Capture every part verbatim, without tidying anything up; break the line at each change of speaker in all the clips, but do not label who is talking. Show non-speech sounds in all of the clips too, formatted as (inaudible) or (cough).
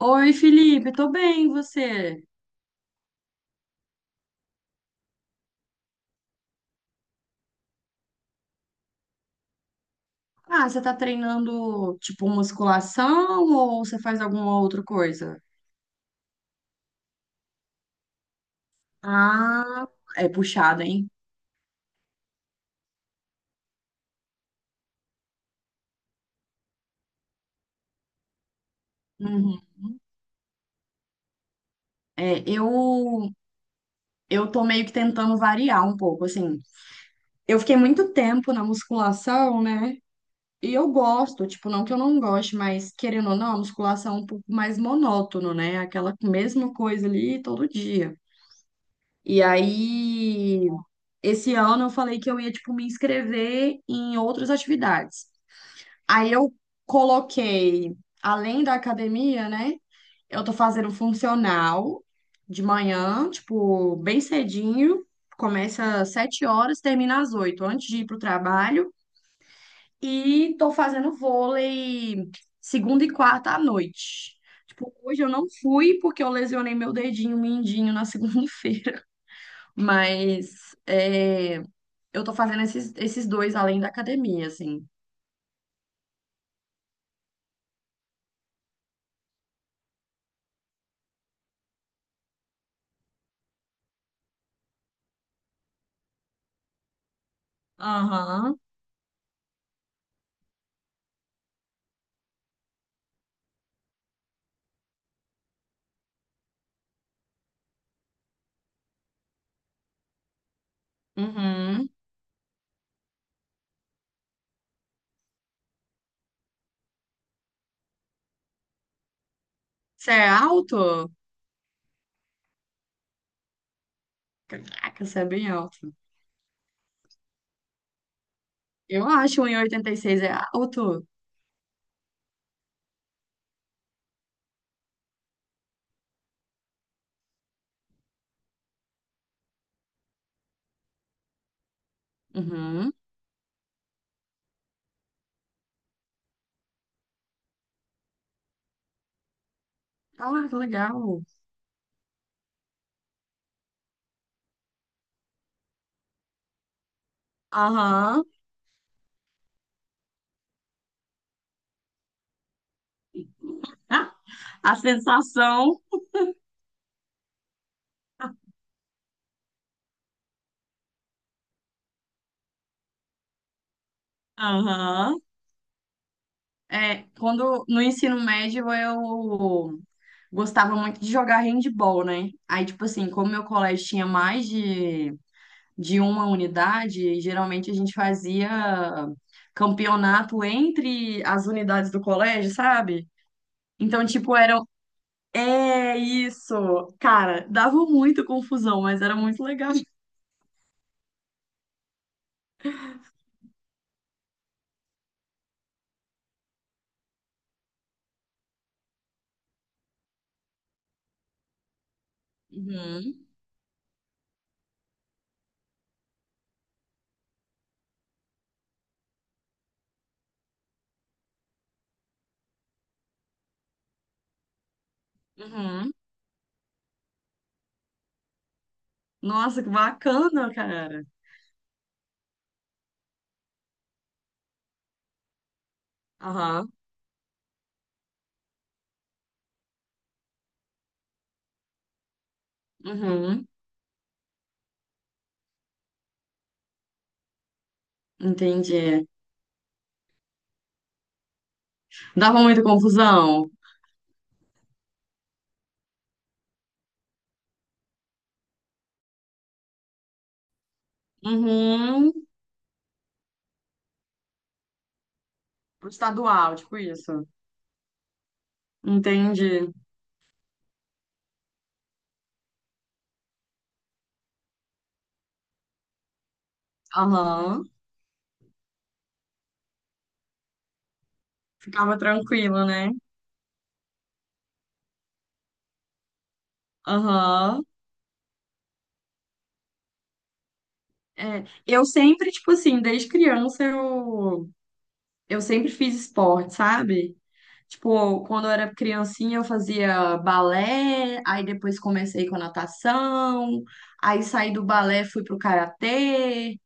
Oi, Felipe, tô bem, e você? Ah, você tá treinando tipo musculação ou você faz alguma outra coisa? Ah, é puxado, hein? Uhum. É, eu eu tô meio que tentando variar um pouco, assim. Eu fiquei muito tempo na musculação, né? E eu gosto, tipo, não que eu não goste, mas querendo ou não, a musculação é um pouco mais monótono, né? Aquela mesma coisa ali todo dia. E aí Esse ano eu falei que eu ia, tipo, me inscrever em outras atividades. Aí eu coloquei, além da academia, né? Eu tô fazendo funcional de manhã, tipo, bem cedinho. Começa às sete horas, termina às oito antes de ir pro trabalho. E tô fazendo vôlei segunda e quarta à noite. Tipo, hoje eu não fui porque eu lesionei meu dedinho mindinho na (laughs) segunda-feira. Mas é, eu tô fazendo esses, esses dois além da academia, assim. Aham. Uhum. Você é alto? Caraca, você é bem alto. Eu acho um e oitenta e seis é alto. Uhum. Ah, que legal. Aham. Ah, a sensação Aham. é quando no ensino médio eu gostava muito de jogar handball, né? Aí, tipo assim, como meu colégio tinha mais de de uma unidade, e geralmente a gente fazia campeonato entre as unidades do colégio, sabe? Então, tipo, eram. É isso! Cara, dava muita confusão, mas era muito legal. Uhum, uhum. Nossa, que bacana, cara. Aham. Uhum. Entendi. Dava muita confusão. Uhum. Pro estadual, tipo isso. Entendi. Aham. Ficava tranquilo, né? Aham. É, eu sempre, tipo assim, desde criança eu, eu sempre fiz esporte, sabe? Tipo, quando eu era criancinha eu fazia balé, aí depois comecei com natação, aí saí do balé, fui pro karatê,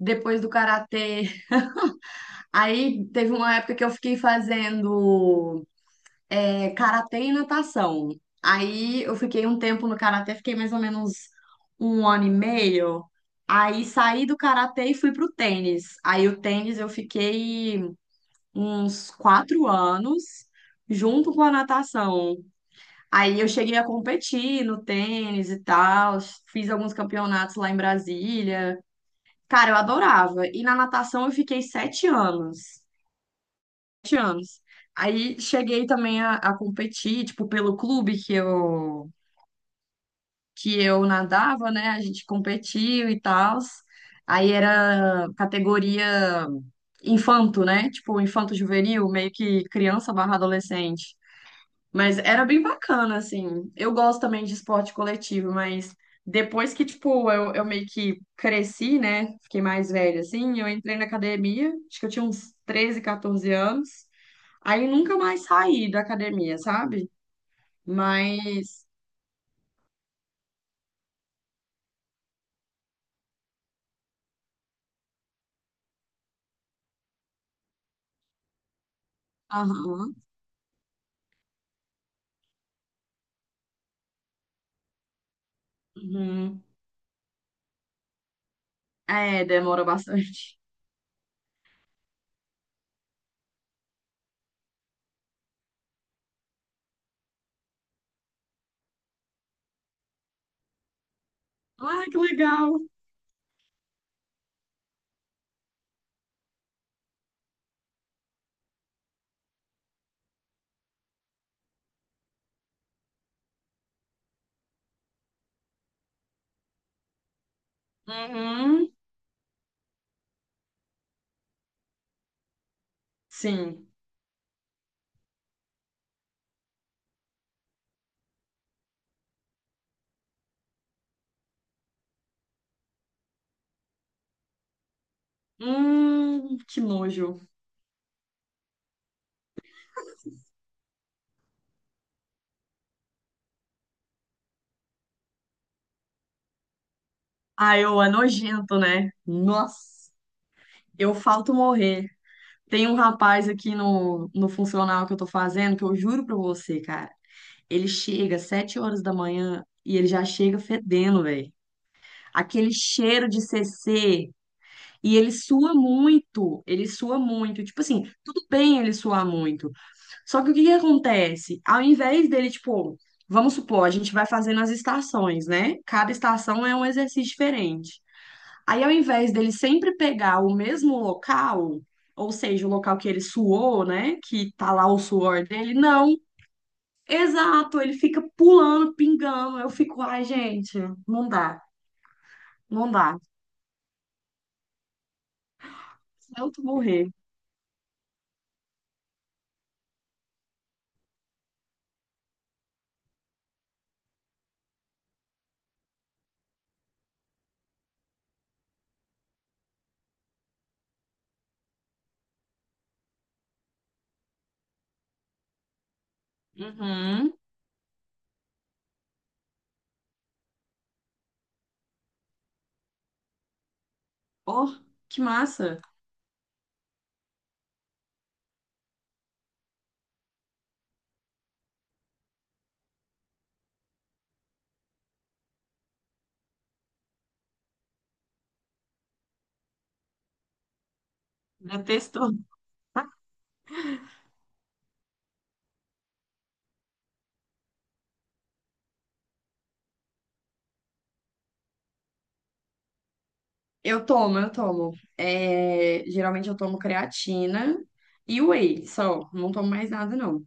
depois do karatê, aí teve uma época que eu fiquei fazendo é, karatê e natação. Aí eu fiquei um tempo no karatê, fiquei mais ou menos um ano e meio. Aí saí do karatê e fui pro tênis. Aí o tênis eu fiquei uns quatro anos junto com a natação. Aí eu cheguei a competir no tênis e tal, fiz alguns campeonatos lá em Brasília. Cara, eu adorava. E na natação eu fiquei sete anos. Aí cheguei também a, a competir, tipo, pelo clube que eu que eu nadava, né? A gente competiu e tal. Aí era categoria infanto, né? Tipo, infanto juvenil, meio que criança barra adolescente. Mas era bem bacana, assim. Eu gosto também de esporte coletivo, mas depois que, tipo, eu, eu meio que cresci, né? Fiquei mais velha, assim. Eu entrei na academia, acho que eu tinha uns treze, catorze anos. Aí nunca mais saí da academia, sabe? Mas. Aham. Uhum. É, demora bastante. (laughs) Ah, que legal. Uhum, sim. Hum, que nojo. Ah, eu é nojento, né? Nossa, eu falto morrer. Tem um rapaz aqui no, no funcional que eu tô fazendo, que eu juro pra você, cara. Ele chega às sete horas da manhã e ele já chega fedendo, velho. Aquele cheiro de cê cê. E ele sua muito. Ele sua muito. Tipo assim, tudo bem ele suar muito. Só que o que que acontece? Ao invés dele, tipo, vamos supor, a gente vai fazendo as estações, né? Cada estação é um exercício diferente. Aí, ao invés dele sempre pegar o mesmo local, ou seja, o local que ele suou, né? Que tá lá o suor dele, não. Exato, ele fica pulando, pingando. Eu fico, ai, gente, não dá, não dá. Se Eu tô morrer. Uhum. Oh, que massa. Detesto. Eu tomo, eu tomo. É, geralmente eu tomo creatina e whey, só. Não tomo mais nada, não.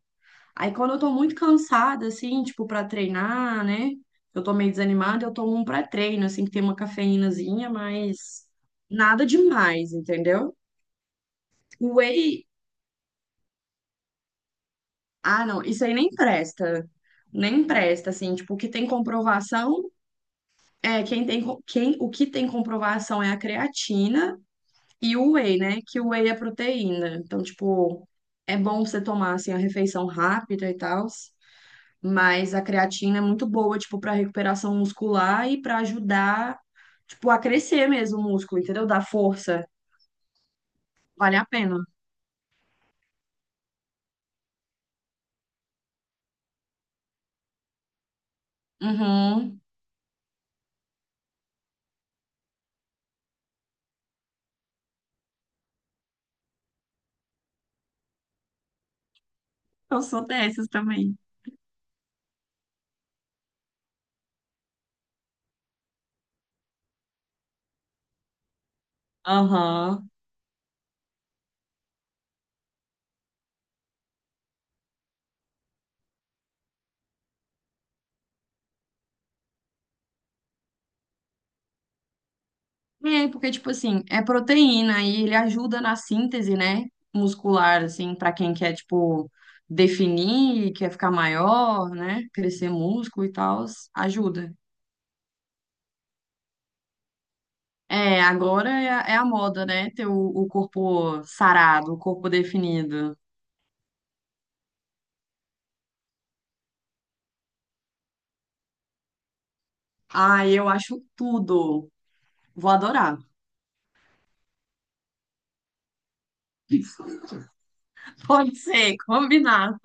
Aí quando eu tô muito cansada, assim, tipo, pra treinar, né? Eu tô meio desanimada, eu tomo um pré-treino, assim, que tem uma cafeínazinha, mas nada demais, entendeu? Whey, ah, não, isso aí nem presta. Nem presta, assim, tipo, o que tem comprovação é quem tem, co- quem, o que tem comprovação é a creatina. E o whey, né? Que o whey é proteína. Então, tipo, é bom você tomar assim a refeição rápida e tal, mas a creatina é muito boa, tipo, para recuperação muscular e para ajudar, tipo, a crescer mesmo o músculo, entendeu? Dar força. Vale a pena. Uhum. Eu sou dessas também. Aham. É, porque, tipo assim, é proteína e ele ajuda na síntese, né, muscular, assim, pra quem quer, tipo, definir, quer ficar maior, né, crescer músculo e tal, ajuda. É, agora é a, é a moda, né, ter o, o corpo sarado, o corpo definido. Ai, eu acho tudo. Vou adorar. (laughs) Pode ser, combinado.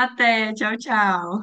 Até, tchau, tchau.